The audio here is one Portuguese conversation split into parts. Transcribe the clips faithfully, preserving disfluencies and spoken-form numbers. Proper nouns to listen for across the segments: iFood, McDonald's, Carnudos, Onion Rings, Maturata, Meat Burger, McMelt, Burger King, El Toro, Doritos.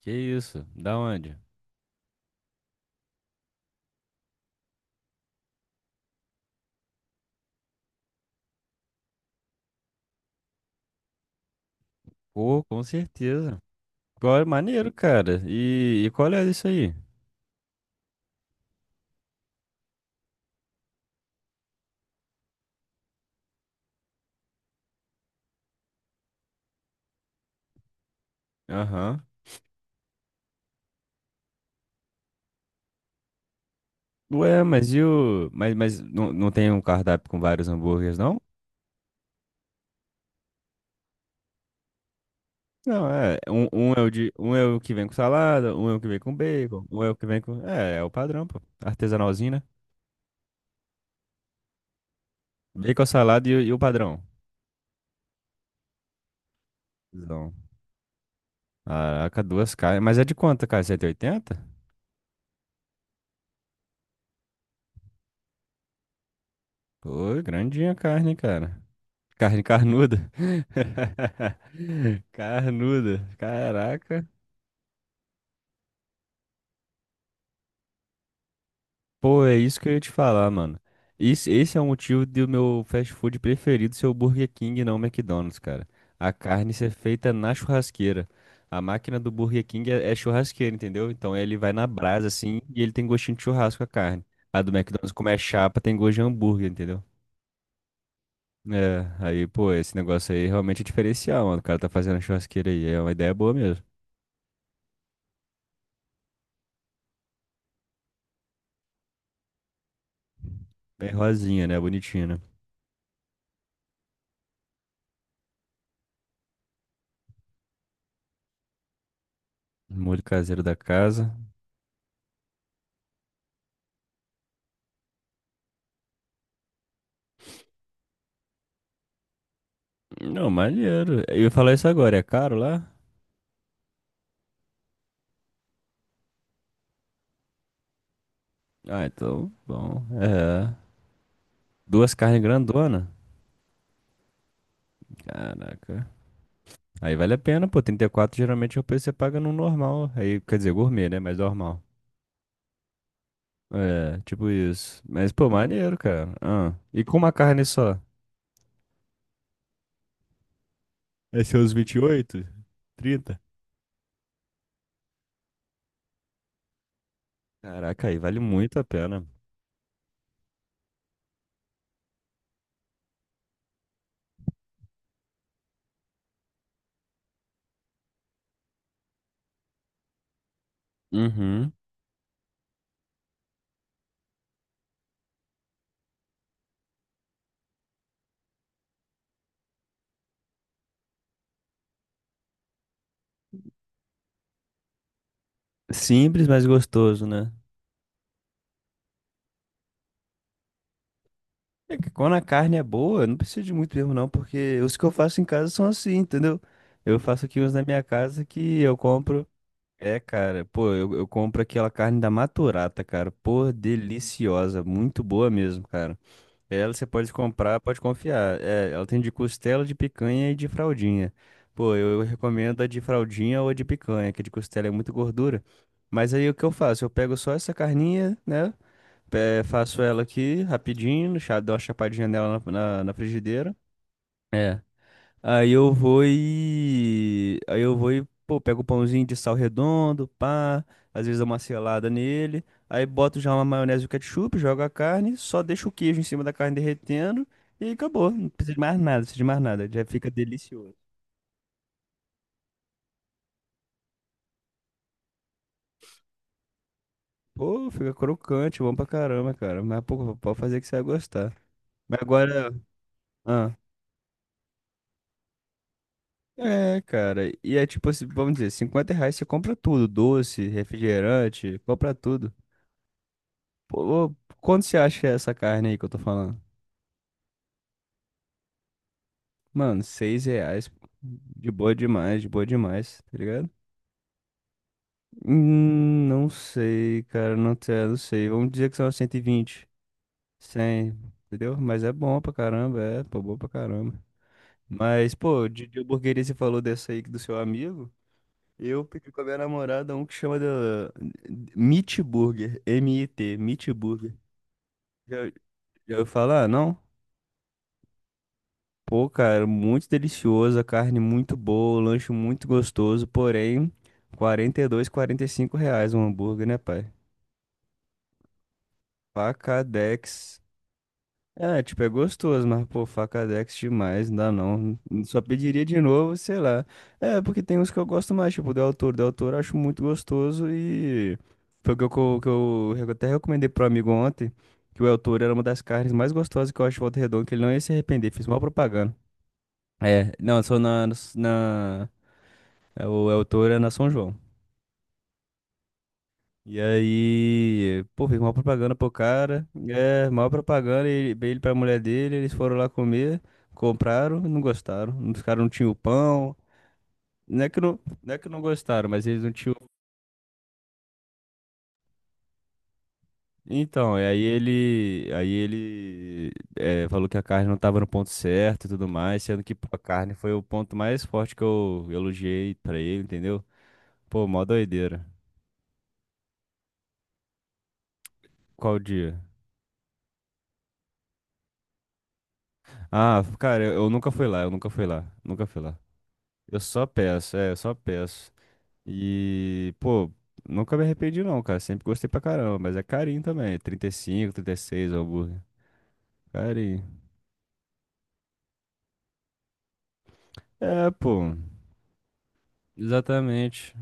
Que isso? Da onde? Pô, com certeza. Qual é maneiro, cara. E, e qual é isso aí? Aham. Ué, mas e o. Mas, mas não, não tem um cardápio com vários hambúrgueres, não? Não, é. Um, um é o de, um é o que vem com salada, um é o que vem com bacon, um é o que vem com. É, é o padrão, pô. Artesanalzinho, né? Bacon, salada e, o- e o padrão. Então, caraca, duas carnes. Mas é de quanto, cara? cento e oitenta? Pô, grandinha a carne, cara. Carne carnuda. Carnuda. Caraca. Pô, é isso que eu ia te falar, mano. Esse, esse é o motivo do meu fast food preferido ser o Burger King e não o McDonald's, cara. A carne ser feita na churrasqueira. A máquina do Burger King é, é churrasqueira, entendeu? Então ele vai na brasa assim e ele tem gostinho de churrasco a carne. A do McDonald's, como é chapa, tem gosto de hambúrguer, entendeu? É, aí, pô, esse negócio aí realmente é diferencial, mano. O cara tá fazendo a churrasqueira aí. É uma ideia boa mesmo. Bem rosinha, né? Bonitinha, né? Molho caseiro da casa. Não, maneiro. Eu ia falar isso agora, é caro lá? Ah, então, bom. É. Duas carnes grandona. Caraca. Aí vale a pena, pô. trinta e quatro geralmente é o preço que você paga no normal. Aí, quer dizer, gourmet, né? Mas normal. É, tipo isso. Mas, pô, maneiro, cara. Ah. E com uma carne só? É seus vinte e oito? trinta? Caraca, aí vale muito a pena. Uhum. Simples, mas gostoso, né? É que quando a carne é boa, eu não preciso de muito mesmo, não, porque os que eu faço em casa são assim, entendeu? Eu faço aqui uns na minha casa que eu compro. É, cara, pô, eu, eu compro aquela carne da Maturata, cara. Pô, deliciosa, muito boa mesmo, cara. Ela você pode comprar, pode confiar. É, ela tem de costela, de picanha e de fraldinha. Pô, eu, eu recomendo a de fraldinha ou a de picanha, que a de costela é muito gordura. Mas aí o que eu faço? Eu pego só essa carninha, né? É, faço ela aqui rapidinho, chá- dou uma chapadinha nela na, na, na frigideira. É. Aí eu vou e. Aí eu vou e, pô, pego o pãozinho de sal redondo, pá. Às vezes dou uma selada nele. Aí boto já uma maionese e o ketchup, jogo a carne, só deixo o queijo em cima da carne derretendo e acabou. Não precisa de mais nada, não precisa de mais nada. Já fica delicioso. Pô, fica crocante, bom pra caramba, cara. Mas, pô, pode fazer que você vai gostar. Mas agora. ah, é, cara. E é tipo, assim, vamos dizer, cinquenta reais você compra tudo, doce, refrigerante, compra tudo. Pô, quanto você acha essa carne aí que eu tô falando? Mano, seis reais. De boa demais, de boa demais, tá ligado? Hum, não sei, cara, não sei, não sei. Vamos dizer que são cento e vinte. cem, entendeu? Mas é bom pra caramba, é, pô, bom pra caramba. Mas, pô, de, de hamburgueria você falou dessa aí do seu amigo? Eu pedi com a minha namorada um que chama de Meat Burger, M-I-T, Meat Burger. Já, já ouviu falar? Não? Pô, cara, muito delicioso, a carne muito boa, o lanche muito gostoso, porém, quarenta quarenta e dois, quarenta e cinco reais um hambúrguer, né, pai? Pacadex. É, tipo, é gostoso, mas, pô, facadex demais, não dá não. Só pediria de novo, sei lá. É, porque tem uns que eu gosto mais, tipo, do autor. Do autor eu acho muito gostoso e foi o que eu, co- que eu re- até recomendei pro amigo ontem, que o autor era uma das carnes mais gostosas que eu acho de Volta Redonda, que ele não ia se arrepender, fiz mal propaganda. É, não, só na, na, na- é, o autor é na São João. E aí, pô, fez uma propaganda pro cara. É, maior propaganda, ele, ele pra mulher dele, eles foram lá comer, compraram, não gostaram. Os caras não tinham o pão. Não é que não, não é que não gostaram, mas eles não tinham. Então, e aí ele, aí ele é, falou que a carne não estava no ponto certo e tudo mais, sendo que pô, a carne foi o ponto mais forte que eu elogiei pra ele, entendeu? Pô, mó doideira. Qual dia? Ah, cara, eu, eu nunca fui lá, eu nunca fui lá, nunca fui lá. Eu só peço, é, eu só peço. E, pô, nunca me arrependi não, cara. Sempre gostei pra caramba, mas é carinho também. trinta e cinco, trinta e seis o hambúrguer. Carinho. É, pô, exatamente.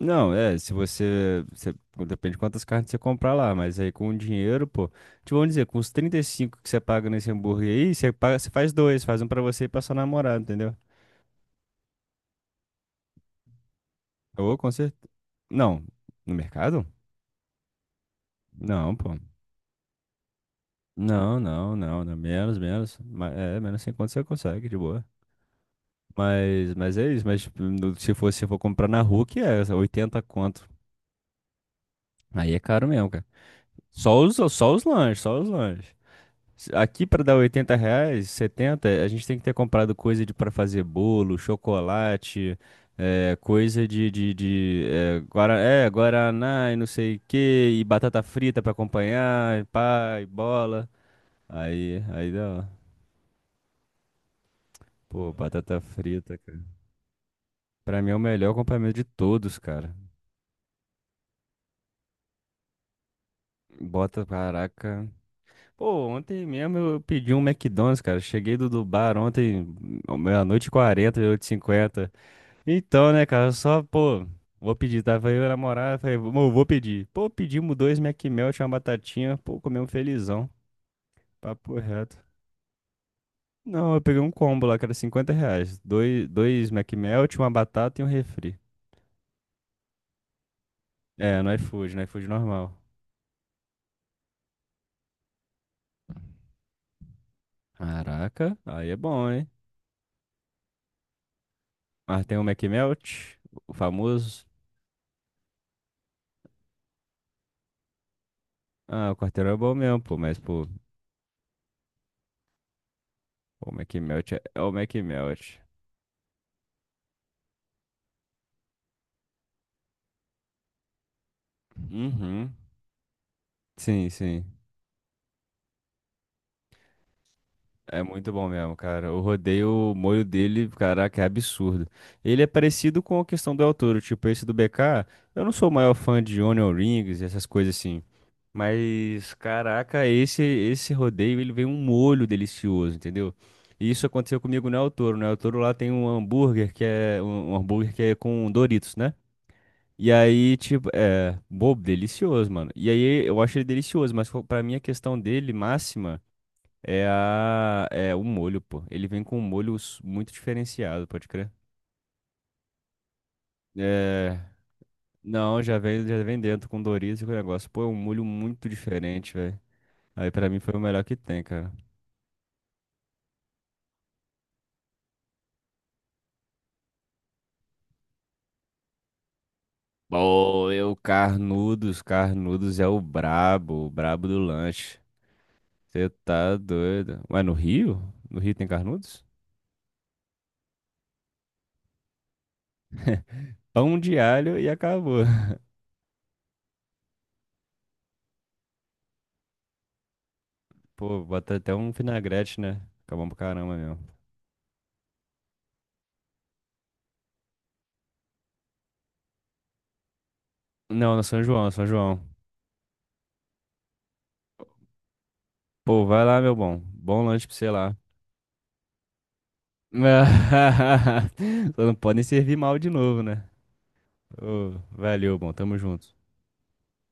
Não, é, se você, você- Depende de quantas carnes você comprar lá, mas aí com o dinheiro, pô. Te vão dizer, com os trinta e cinco que você paga nesse hambúrguer aí, você paga, você faz dois, faz um pra você e pra sua namorada, entendeu? Ou com certeza. Não, no mercado? Não, pô. Não, não, não, não. Menos, menos. Ma- É, menos cinquenta você consegue, de boa. Mas, mas é isso. Mas tipo, no- se for, se for comprar na rua, que é oitenta conto. Aí é caro mesmo, cara. Só os, só os lanches, só os lanches. Se- Aqui pra dar oitenta reais, setenta a gente tem que ter comprado coisa de para fazer bolo, chocolate, é, coisa de, de, de é, guara- é, guaraná e não sei o que, e batata frita pra acompanhar, e pá, e bola. Aí, aí dá. Pô, batata frita, cara. Pra mim é o melhor acompanhamento de todos, cara. Bota, caraca. Pô, ontem mesmo eu pedi um McDonald's, cara. Cheguei do, do bar ontem, meia-noite e quarenta, oito e cinquenta. Então, né, cara, só, pô, vou pedir, tá? Falei, minha namorada, falei, amor, vou pedir. Pô, pedimos dois McMelt, uma batatinha, pô, comemos felizão. Papo reto. Não, eu peguei um combo lá, que era cinquenta reais. Dois, dois McMelt, uma batata e um refri. É, no iFood, no iFood normal. Caraca, aí é bom, hein? Mas tem o McMelt, o famoso. Ah, o quarteirão é bom mesmo, pô, mas, pô, o McMelt é, é o McMelt. Uhum. Sim, sim. É muito bom mesmo, cara. Eu rodei o molho dele, caraca, é absurdo. Ele é parecido com a questão do El Toro, tipo, esse do B K. Eu não sou o maior fã de Onion Rings e essas coisas assim. Mas, caraca, esse esse rodeio, ele vem um molho delicioso, entendeu? E isso aconteceu comigo no El Toro. No El Toro lá tem um hambúrguer que é um um hambúrguer que é com Doritos, né? E aí, tipo, é, bobo, delicioso, mano. E aí eu acho ele delicioso, mas fo- pra mim a questão dele máxima é a é o molho, pô. Ele vem com um molho s- muito diferenciado, pode crer. É, não, já vem já vem dentro com Doritos e com o negócio. Pô, é um molho muito diferente, velho. Aí pra mim foi o melhor que tem, cara. Pô, eu, Carnudos, Carnudos é o brabo, o brabo do lanche. Você tá doido. Ué, no Rio? No Rio tem Carnudos? Pão de alho e acabou. Pô, bota até um vinagrete, né? Fica bom pra caramba mesmo. Não, no São João, no São João. Pô, vai lá, meu bom. Bom lanche pra você lá. Só não podem servir mal de novo, né? Ô, valeu, bom, tamo junto.